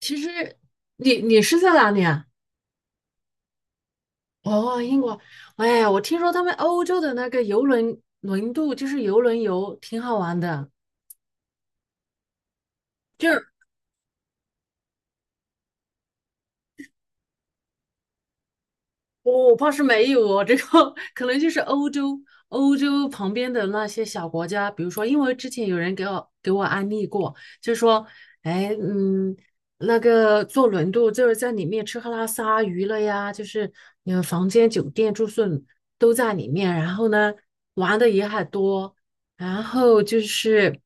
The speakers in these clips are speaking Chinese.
其实你是在哪里啊？哦，英国。哎，我听说他们欧洲的那个游轮轮渡，就是游轮游，挺好玩的。就是我怕是没有哦，这个 可能就是欧洲，欧洲旁边的那些小国家，比如说，因为之前有人给我安利过，就说，哎，那个坐轮渡就是在里面吃喝拉撒娱乐呀，就是你们房间、酒店、住宿都在里面，然后呢，玩的也很多，然后就是。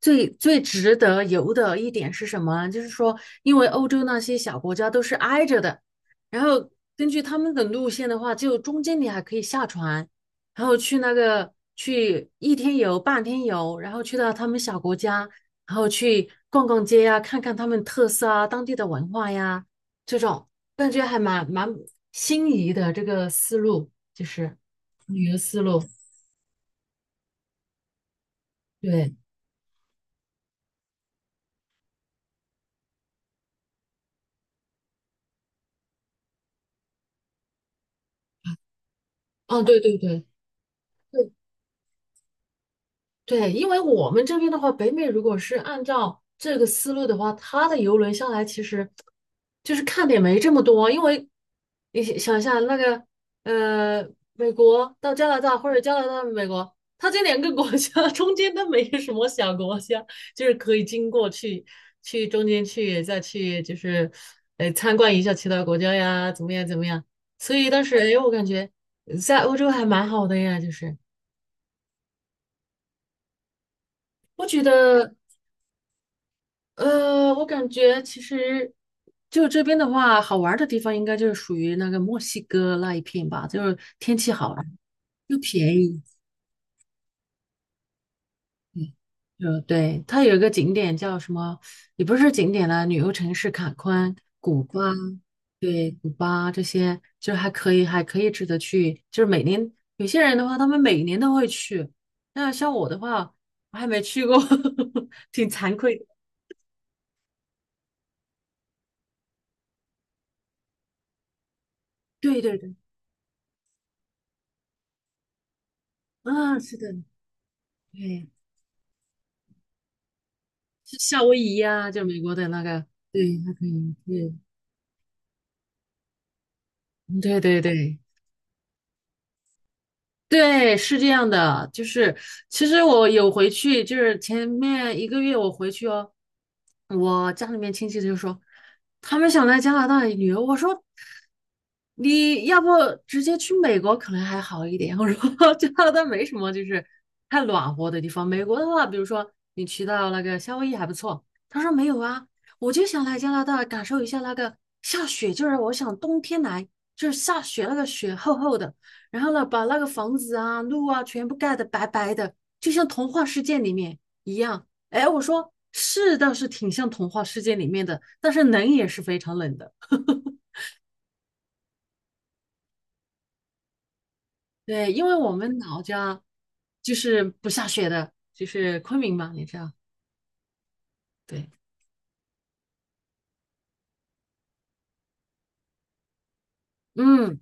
最最值得游的一点是什么呢？就是说，因为欧洲那些小国家都是挨着的，然后根据他们的路线的话，就中间你还可以下船，然后去那个去一天游、半天游，然后去到他们小国家，然后去逛逛街呀、看看他们特色啊、当地的文化呀，这种感觉还蛮心仪的这个思路，就是旅游思路。对，嗯，对对对。对，因为我们这边的话，北美如果是按照这个思路的话，它的游轮下来其实就是看点没这么多，因为你想想一下那个呃，美国到加拿大或者加拿大到美国，它这两个国家 中间都没有什么小国家，就是可以经过去中间去再去就是参观一下其他国家呀，怎么样怎么样？所以当时哎，我感觉在欧洲还蛮好的呀，就是我觉得。我感觉其实就这边的话，好玩儿的地方应该就是属于那个墨西哥那一片吧，就是天气好啊又便宜。对，它有一个景点叫什么，也不是景点啦，旅游城市坎昆、古巴，对，古巴这些就是还可以，还可以值得去。就是每年有些人的话，他们每年都会去，那像我的话，我还没去过，挺惭愧的。对对对，啊，是的，对。是夏威夷呀、就美国的那个，对，它可以，对，嗯对对对，对，是这样的，就是其实我有回去，就是前面一个月我回去哦，我家里面亲戚就说他们想来加拿大旅游，我说你要不直接去美国可能还好一点，我说 加拿大没什么就是太暖和的地方，美国的话，比如说你去到那个夏威夷还不错，他说没有啊，我就想来加拿大感受一下那个下雪，就是我想冬天来，就是下雪那个雪厚厚的。然后呢，把那个房子啊、路啊全部盖得白白的，就像童话世界里面一样。哎，我说是倒是挺像童话世界里面的，但是冷也是非常冷的。对，因为我们老家就是不下雪的，就是昆明嘛，你知道？对，嗯，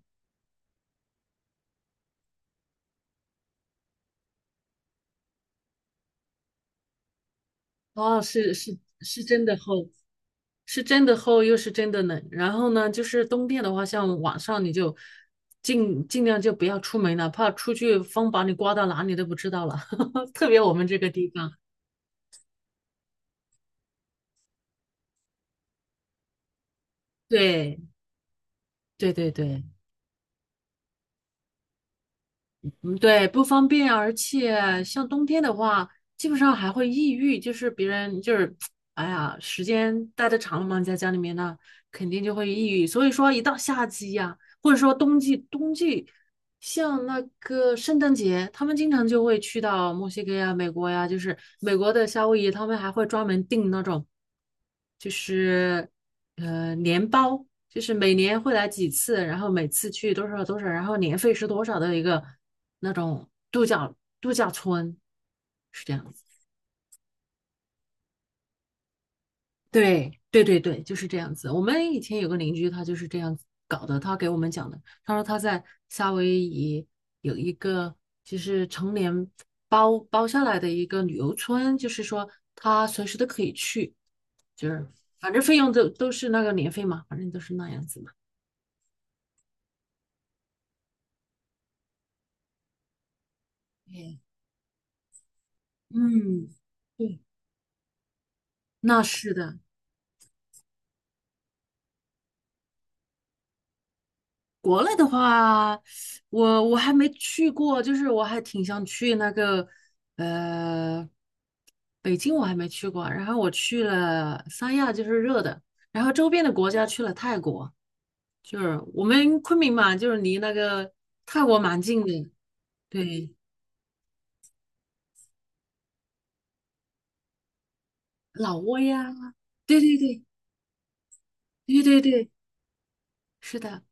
哦，是是是真的厚。是真的厚又是真的冷。然后呢，就是冬天的话，像晚上你就尽量就不要出门了，怕出去风把你刮到哪里都不知道了。特别我们这个地方，对对对对，嗯对，不方便，而且像冬天的话，基本上还会抑郁，就是别人就是 哎呀，时间待的长了嘛，在家里面呢，肯定就会抑郁。所以说，一到夏季呀、或者说冬季像那个圣诞节，他们经常就会去到墨西哥呀、美国呀，就是美国的夏威夷，他们还会专门订那种，就是年包，就是每年会来几次，然后每次去多少多少，然后年费是多少的一个那种度假村，是这样。对对对对，就是这样子。我们以前有个邻居，他就是这样子搞的。他给我们讲的，他说他在夏威夷有一个就是成年包下来的一个旅游村，就是说他随时都可以去，就是反正费用都是那个年费嘛，反正都是那样子嘛。对，嗯，对，那是的。国内的话，我还没去过，就是我还挺想去那个呃北京，我还没去过。然后我去了三亚，就是热的，然后周边的国家去了泰国，就是我们昆明嘛，就是离那个泰国蛮近的，对，老挝呀，对对对对对对，是的，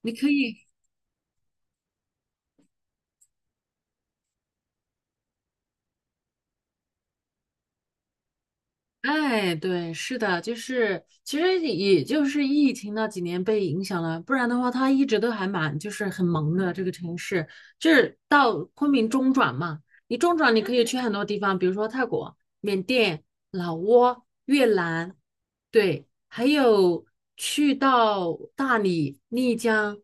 你可以。哎，对，是的，就是其实也就是疫情那几年被影响了，不然的话，它一直都还蛮就是很萌的这个城市，就是到昆明中转嘛，你中转你可以去很多地方，比如说泰国、缅甸、老挝、越南，对，还有去到大理、丽江、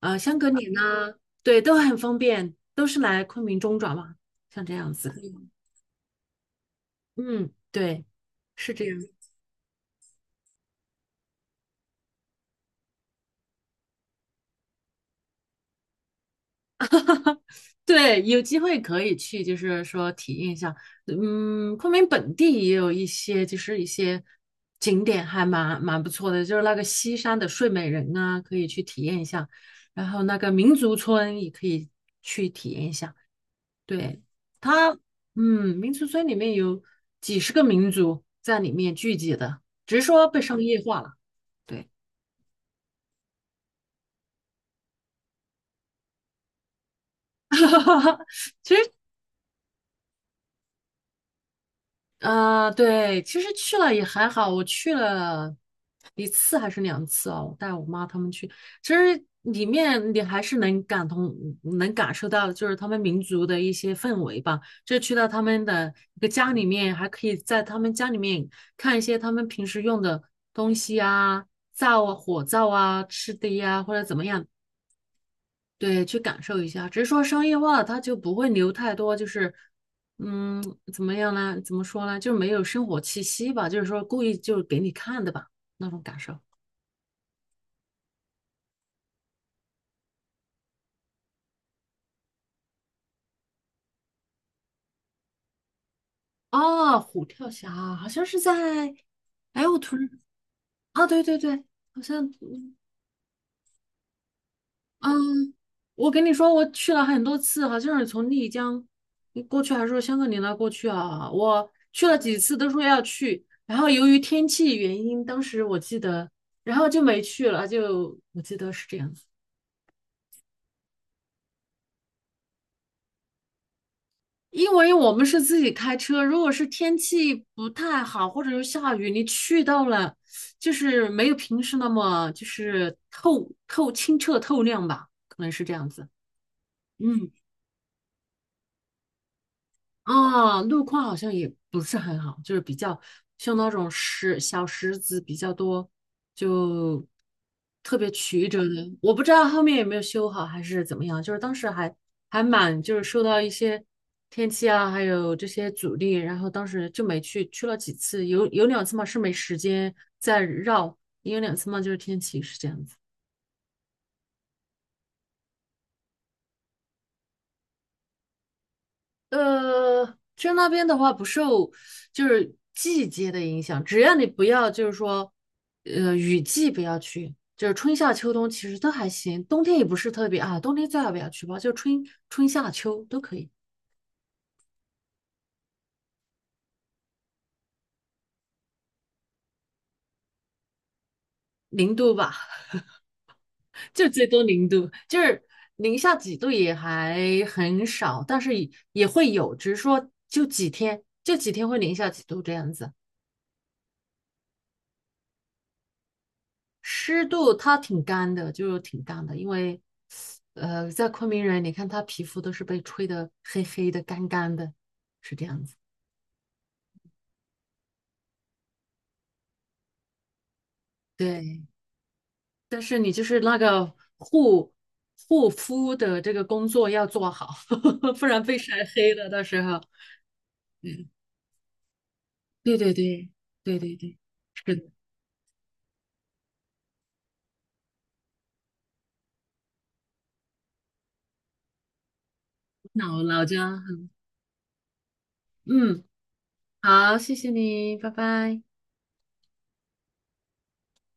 香格里拉，对，都很方便，都是来昆明中转嘛，像这样子，嗯，对，是这样。对，有机会可以去，就是说体验一下。嗯，昆明本地也有一些，就是一些景点还蛮不错的，就是那个西山的睡美人啊，可以去体验一下。然后那个民族村也可以去体验一下。对，它，民族村里面有几十个民族在里面聚集的，只是说被商业化了。对，啊，对，其实去了也还好，我去了一次还是两次哦，我带我妈他们去，其实里面你还是能感同，能感受到就是他们民族的一些氛围吧。就去到他们的一个家里面，还可以在他们家里面看一些他们平时用的东西啊，灶啊、火灶啊、吃的呀，或者怎么样，对，去感受一下。只是说商业化，它就不会留太多，就是，嗯，怎么样呢？怎么说呢？就是没有生活气息吧，就是说故意就是给你看的吧，那种感受。哦，虎跳峡好像是在，哎，我突然，啊，对对对，好像，嗯，我跟你说，我去了很多次，好像是从丽江过去，还是说香格里拉过去啊？我去了几次，都说要去，然后由于天气原因，当时我记得，然后就没去了，就我记得是这样子。因为我们是自己开车，如果是天气不太好，或者是下雨，你去到了，就是没有平时那么就是清澈透亮吧，可能是这样子。嗯，路况好像也不是很好，就是比较像那种小石子比较多，就特别曲折的。我不知道后面有没有修好还是怎么样，就是当时还蛮就是受到一些天气啊，还有这些阻力，然后当时就没去，去了几次，有两次嘛是没时间再绕，也有两次嘛就是天气是这样子。去那边的话不受就是季节的影响，只要你不要就是说，雨季不要去，就是春夏秋冬其实都还行，冬天也不是特别啊，冬天最好不要去吧，就春夏秋都可以，零度吧，就最多零度，就是零下几度也还很少，但是也会有，只是说就几天，就几天会零下几度这样子。湿度它挺干的，就是挺干的，因为在昆明人，你看他皮肤都是被吹得黑黑的、干干的，是这样子。对，但是你就是那个护护肤的这个工作要做好，不然被晒黑了。到时候，对对对对对对，是的，那我老家，嗯，好，谢谢你，拜拜。